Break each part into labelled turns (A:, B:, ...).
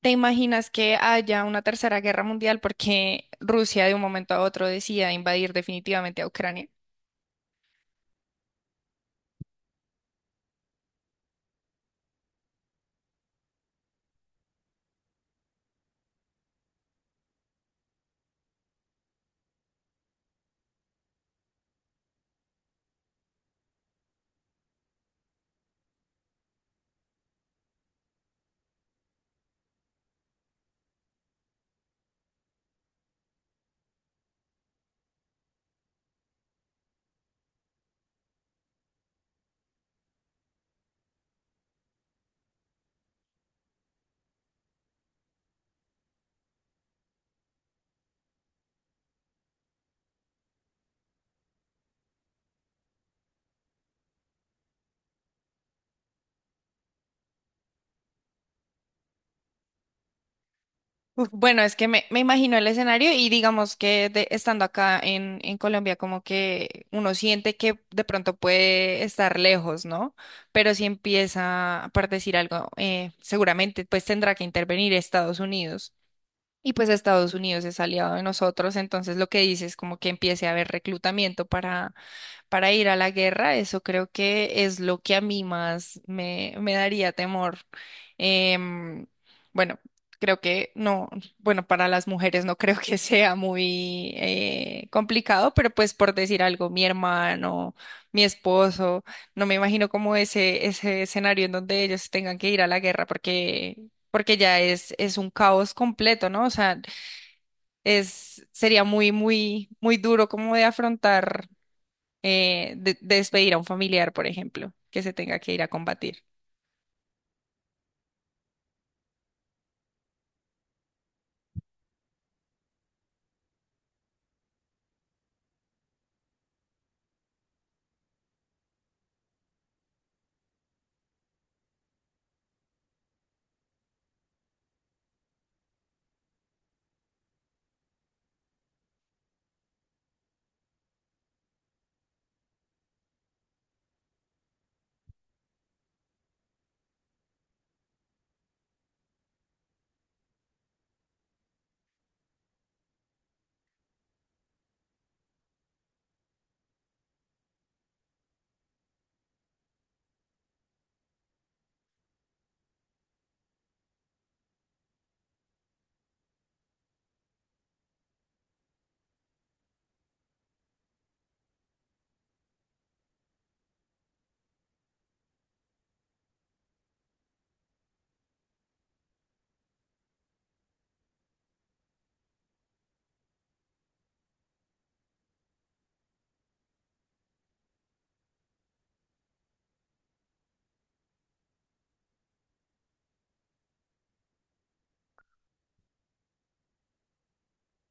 A: ¿Te imaginas que haya una tercera guerra mundial porque Rusia de un momento a otro decida invadir definitivamente a Ucrania? Uf, bueno, es que me imagino el escenario y digamos que estando acá en Colombia como que uno siente que de pronto puede estar lejos, ¿no? Pero si empieza, por decir algo, seguramente pues tendrá que intervenir Estados Unidos. Y pues Estados Unidos es aliado de nosotros, entonces lo que dice es como que empiece a haber reclutamiento para ir a la guerra, eso creo que es lo que a mí más me daría temor. Em, bueno, creo que no, bueno, para las mujeres no creo que sea muy complicado, pero pues por decir algo, mi hermano, mi esposo, no me imagino como ese escenario en donde ellos tengan que ir a la guerra porque... porque ya es un caos completo, ¿no? O sea, es, sería muy, muy, muy duro como de afrontar de despedir a un familiar, por ejemplo, ¿que se tenga que ir a combatir?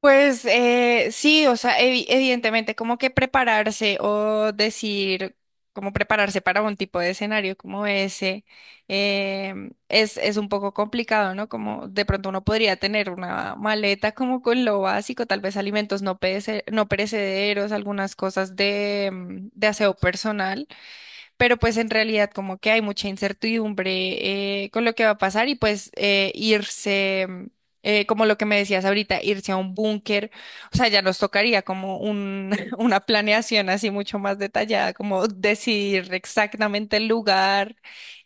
A: Pues sí, o sea, evidentemente, como que prepararse o decir, como prepararse para un tipo de escenario como ese, es un poco complicado, ¿no? Como de pronto uno podría tener una maleta como con lo básico, tal vez alimentos no perecederos, algunas cosas de, de aseo personal. Pero pues en realidad como que hay mucha incertidumbre con lo que va a pasar y pues irse, como lo que me decías ahorita, irse a un búnker, o sea, ya nos tocaría como un, una planeación así mucho más detallada, como decidir exactamente el lugar,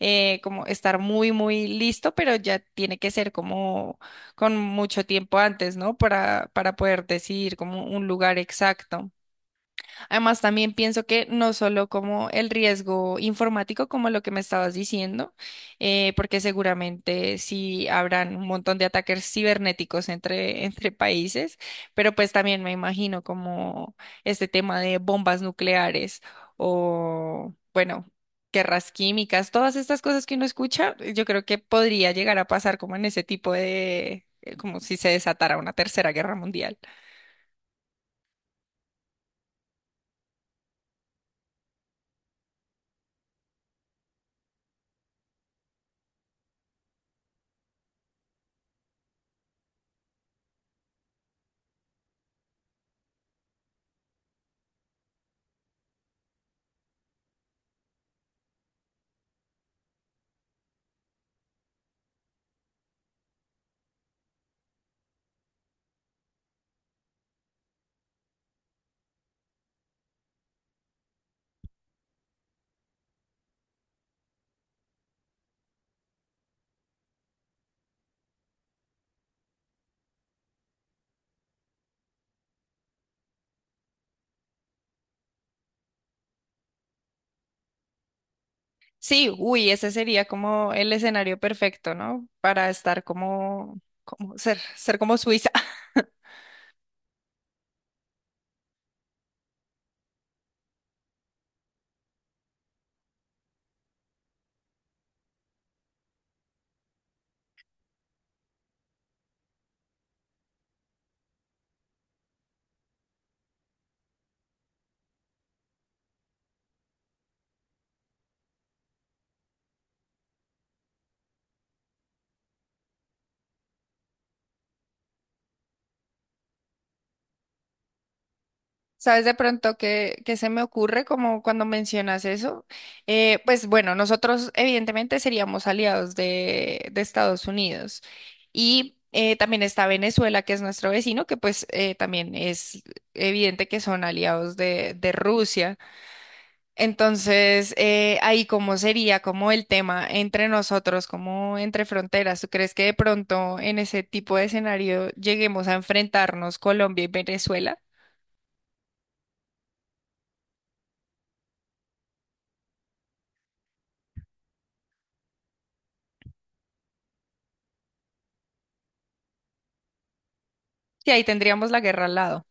A: como estar muy, muy listo, pero ya tiene que ser como con mucho tiempo antes, ¿no? Para poder decidir como un lugar exacto. Además, también pienso que no solo como el riesgo informático, como lo que me estabas diciendo, porque seguramente sí habrán un montón de ataques cibernéticos entre, entre países, pero pues también me imagino como este tema de bombas nucleares o, bueno, guerras químicas, todas estas cosas que uno escucha, yo creo que podría llegar a pasar como en ese tipo de, como si se desatara una tercera guerra mundial. Sí, uy, ese sería como el escenario perfecto, ¿no? Para estar como, como ser, ser como Suiza. ¿Sabes de pronto qué, qué se me ocurre como cuando mencionas eso? Pues bueno, nosotros evidentemente seríamos aliados de Estados Unidos y también está Venezuela, que es nuestro vecino, que pues también es evidente que son aliados de Rusia. Entonces, ahí cómo sería como el tema entre nosotros, como entre fronteras. ¿Tú crees que de pronto en ese tipo de escenario lleguemos a enfrentarnos Colombia y Venezuela? Sí, ahí tendríamos la guerra al lado.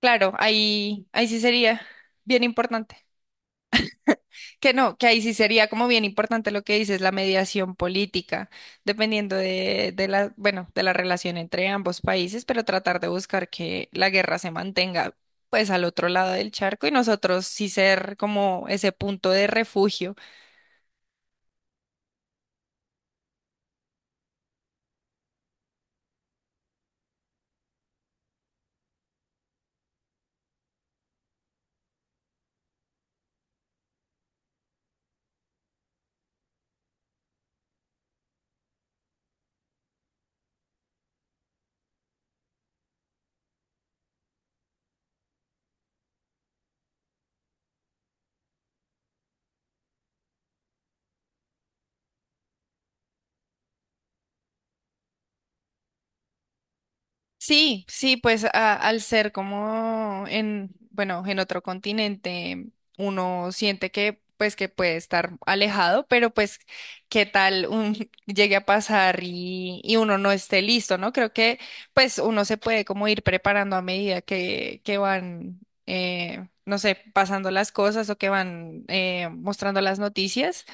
A: Claro, ahí, ahí sí sería bien importante. Que no, que ahí sí sería como bien importante lo que dices, la mediación política, dependiendo de la, bueno, de la relación entre ambos países, pero tratar de buscar que la guerra se mantenga pues al otro lado del charco y nosotros sí ser como ese punto de refugio. Sí, sí, pues al ser como en, bueno, en otro continente, uno siente que pues que puede estar alejado, pero pues qué tal un, llegue a pasar y uno no esté listo, ¿no? Creo que pues uno se puede como ir preparando a medida que van, no sé, pasando las cosas o que van mostrando las noticias.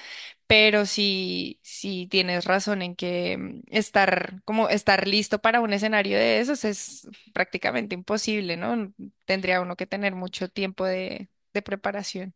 A: Pero sí, sí tienes razón en que mm, estar, como estar listo para un escenario de esos es prácticamente imposible, ¿no? Tendría uno que tener mucho tiempo de preparación.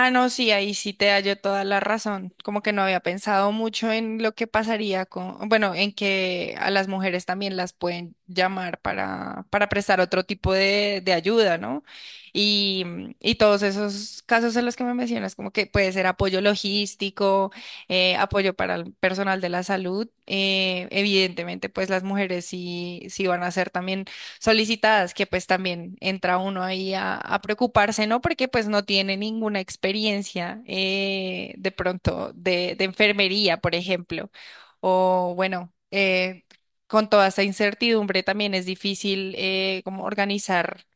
A: Ah, no, sí, ahí sí te hallo toda la razón. Como que no había pensado mucho en lo que pasaría con, bueno, en que a las mujeres también las pueden llamar para prestar otro tipo de ayuda, ¿no? Y, y todos esos casos en los que me mencionas, como que puede ser apoyo logístico, apoyo para el personal de la salud. Evidentemente, pues las mujeres sí, sí van a ser también solicitadas, que pues también entra uno ahí a preocuparse, ¿no? Porque pues no tiene ninguna experiencia de pronto de enfermería, por ejemplo. O bueno, con toda esta incertidumbre también es difícil como organizar,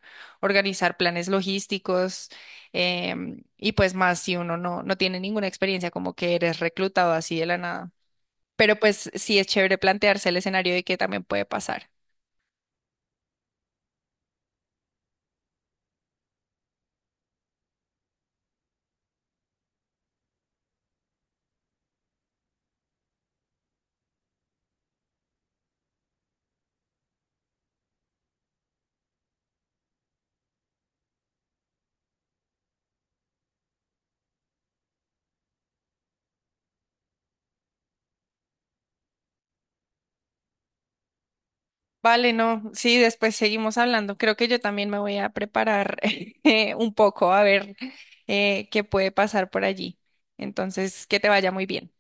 A: organizar planes logísticos y pues más si uno no, no tiene ninguna experiencia, como que eres reclutado así de la nada. Pero pues sí es chévere plantearse el escenario de qué también puede pasar. Vale, no, sí, después seguimos hablando. Creo que yo también me voy a preparar un poco a ver qué puede pasar por allí. Entonces, que te vaya muy bien.